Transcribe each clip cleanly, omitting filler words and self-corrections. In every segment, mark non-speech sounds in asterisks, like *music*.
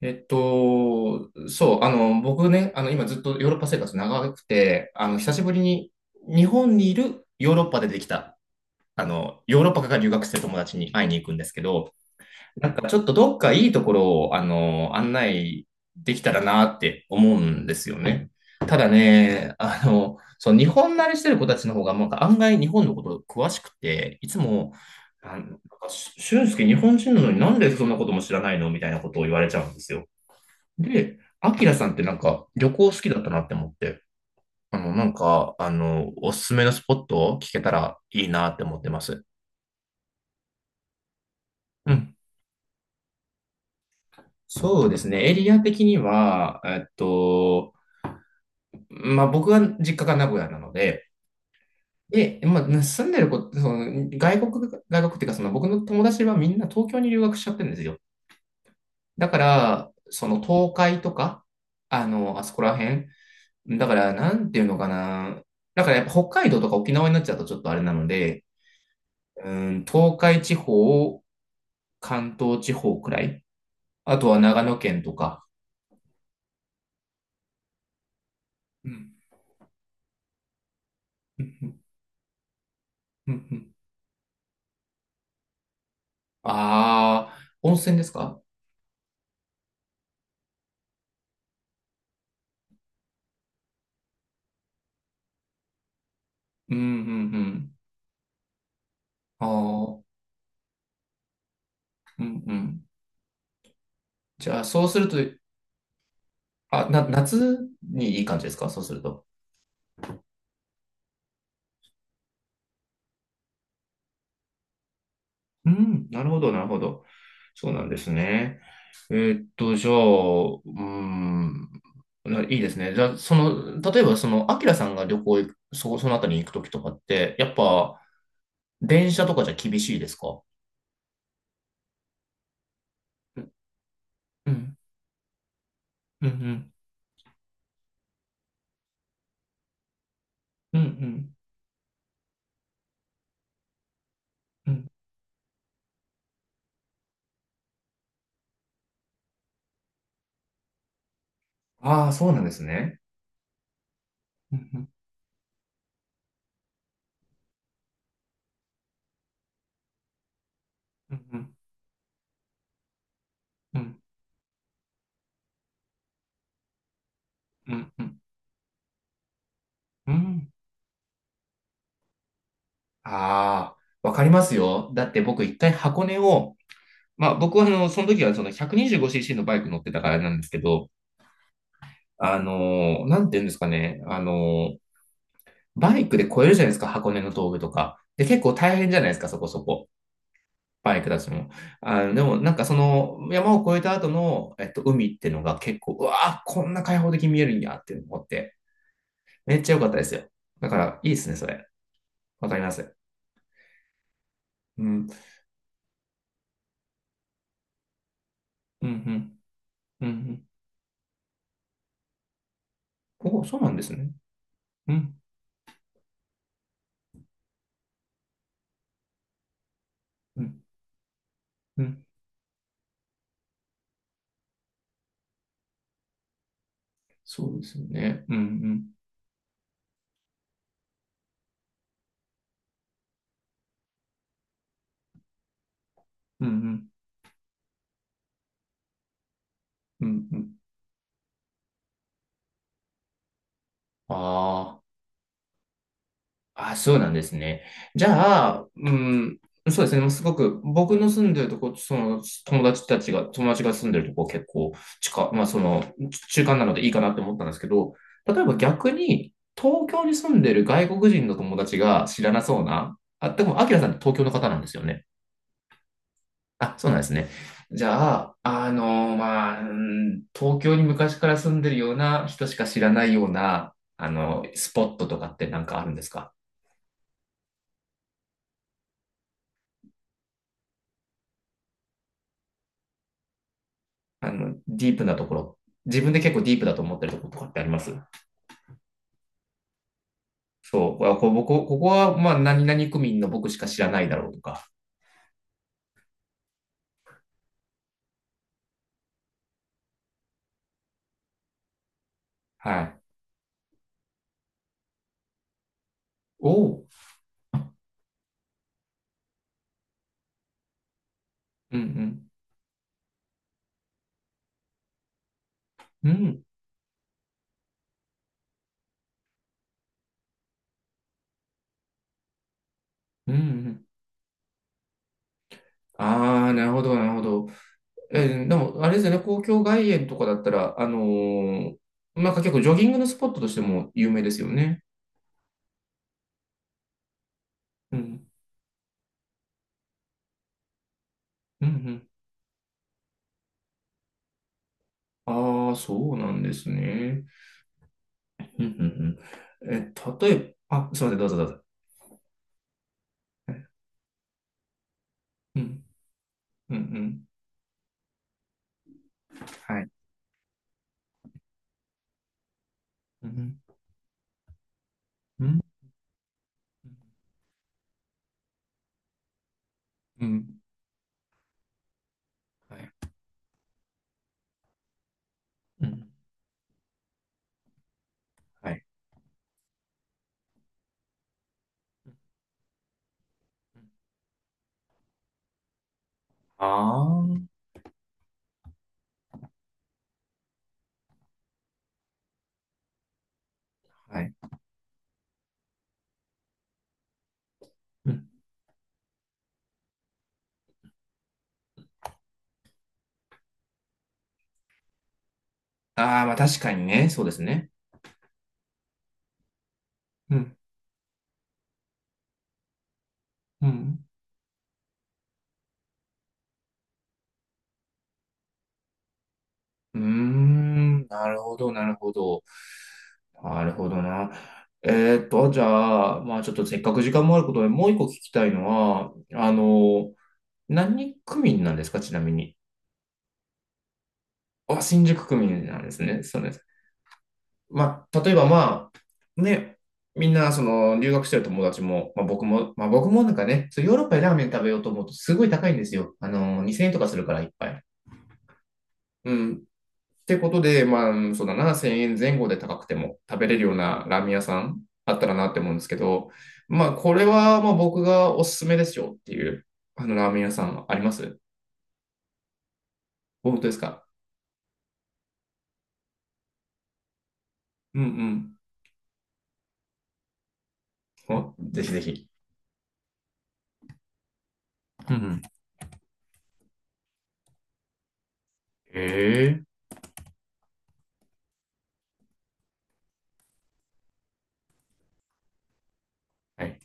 そう、僕ね、今ずっとヨーロッパ生活長くて、久しぶりに日本にいるヨーロッパでできた、ヨーロッパから留学してる友達に会いに行くんですけど、なんかちょっとどっかいいところを、案内できたらなって思うんですよね。ただね、そう、日本慣れしてる子たちの方が、なんか案外日本のこと詳しくて、いつも、なんか、俊介日本人なのになんでそんなことも知らないのみたいなことを言われちゃうんですよ。で、アキラさんってなんか旅行好きだったなって思って、おすすめのスポットを聞けたらいいなって思ってます。うん。そうですね。エリア的には、まあ、僕は実家が名古屋なので、で、まあ、住んでる子、その外国、外国っていうか、その僕の友達はみんな東京に留学しちゃってるんですよ。だから、その東海とか、あそこら辺。だから、なんていうのかな。だからやっぱ北海道とか沖縄になっちゃうとちょっとあれなので、うん、東海地方、関東地方くらい。あとは長野県とか。うん。うん。うん。うん。ああ、温泉ですか？うん。うん。うん。ああ、うん。うん。じゃあ、そうすると、夏にいい感じですか、そうすると。うん、なるほど、なるほど。そうなんですね。じゃあ、いいですね。じゃあ、例えば、アキラさんが旅行行く、そのあたりに行くときとかって、やっぱ、電車とかじゃ厳しいですか？うん、うん、うん、うん、うん、ああ、そうなんですね。うん、うん、うん、うん、うん、うん、ああー、わかりますよ。だって僕一回箱根を、まあ僕はその時はその 125cc のバイク乗ってたからあれなんですけど、なんて言うんですかね。バイクで越えるじゃないですか、箱根の峠とか。で、結構大変じゃないですか、そこそこ。パイクたちも。でもなんかその山を越えた後の、海ってのが結構、うわー、こんな開放的に見えるんやって思って、めっちゃ良かったですよ。だから、いいですね、それ。わかります。うん、うん、うん、うん。うん。おー、そうなんですね。うん、うん、うん。そうですよね。うん、うん、うん、うん、うん。うん。ああー。あ、そうなんですね。じゃあ、うん、そうですね。もうすごく、僕の住んでるとこ、その友達たちが、友達が住んでるとこ結構まあ中間なのでいいかなって思ったんですけど、例えば逆に、東京に住んでる外国人の友達が知らなそうな、あ、でも、アキラさんって東京の方なんですよね。あ、そうなんですね。じゃあ、まあ、うん、東京に昔から住んでるような人しか知らないような、スポットとかってなんかあるんですか？ディープなところ、自分で結構ディープだと思ってるところとかってあります？そう、ここは、まあ、何々区民の僕しか知らないだろうとか。はい。おう。うん。うん。うん。うん。うん。ああ、なるほど、なるほど。でも、あれですよね、公共外苑とかだったら、なんか結構ジョギングのスポットとしても有名ですよね。うん。うん。うん。ああ、そうなんですね。うん。うん。うん。例えば、あ、すみません、どうぞどうぞ。うん。うん。うん。はい。うん。うん。うん。はい。うん。はい。ああ、はい。うん。ああ、まあ確かにね。そうですね。うん。うん。うーん。なるほど、なるほど。なるほどな。じゃあ、まあちょっとせっかく時間もあることで、もう一個聞きたいのは、何区民なんですか、ちなみに。あ、新宿区民なんですね。そうです。まあ、例えばね、みんなその留学してる友達も、まあ僕もなんかね、そうヨーロッパでラーメン食べようと思うとすごい高いんですよ。2000円とかするから一杯。うん。ってことで、まあ、うん、そうだな、1000円前後で高くても食べれるようなラーメン屋さんあったらなって思うんですけど、まあ、これはまあ僕がおすすめですよっていう、あのラーメン屋さんあります？本当ですか？うん。うん。お、ぜひぜひ。うん。うん。ええ。はい。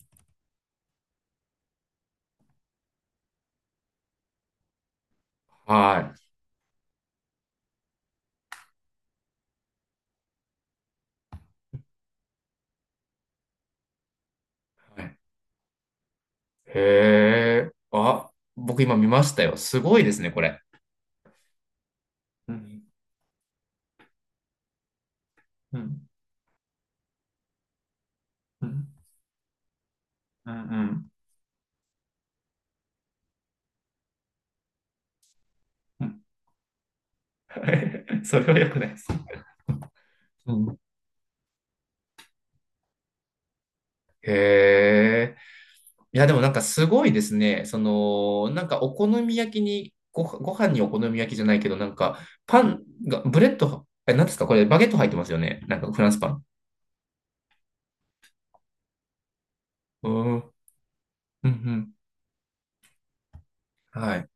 はい。はい。へえ。あ、僕今見ましたよ。すごいですね、これ。うん、うん、うん、うん、うん。うん。 *laughs* それは良くないです。うん、へえ。いや、でもなんかすごいですね。なんかお好み焼きに、ご飯にお好み焼きじゃないけど、なんかパンが、ブレッド、なんですかこれ、バゲット入ってますよね？なんかフランスパン。うん、うん、うん。はい。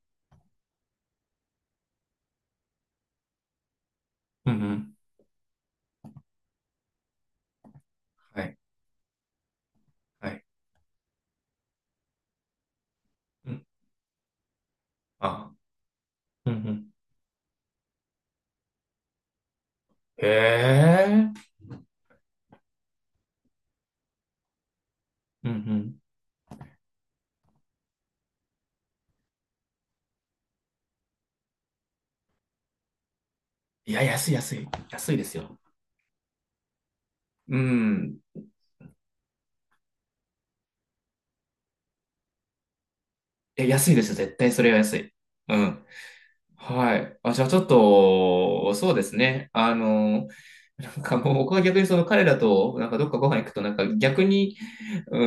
うん、うん。はい。はい。うん。あ、うん、うん。へえ。うん、うん。いや、安い安い。安いですよ。うん。いや、安いですよ。絶対それは安い。うん。はい。あ、じゃあちょっと、そうですね。なんかもう僕は逆にその彼らと、なんかどっかご飯行くと、なんか逆に、う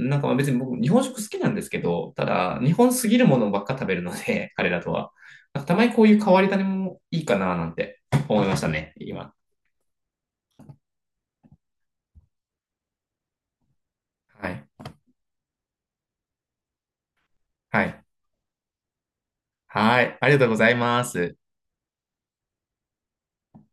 ん、なんかまあ別に僕、日本食好きなんですけど、ただ、日本すぎるものばっか食べるので、*laughs* 彼らとは。なんかたまにこういう変わり種もいいかな、なんて思いましたね、今。はい。はい。はい。ありがとうございます。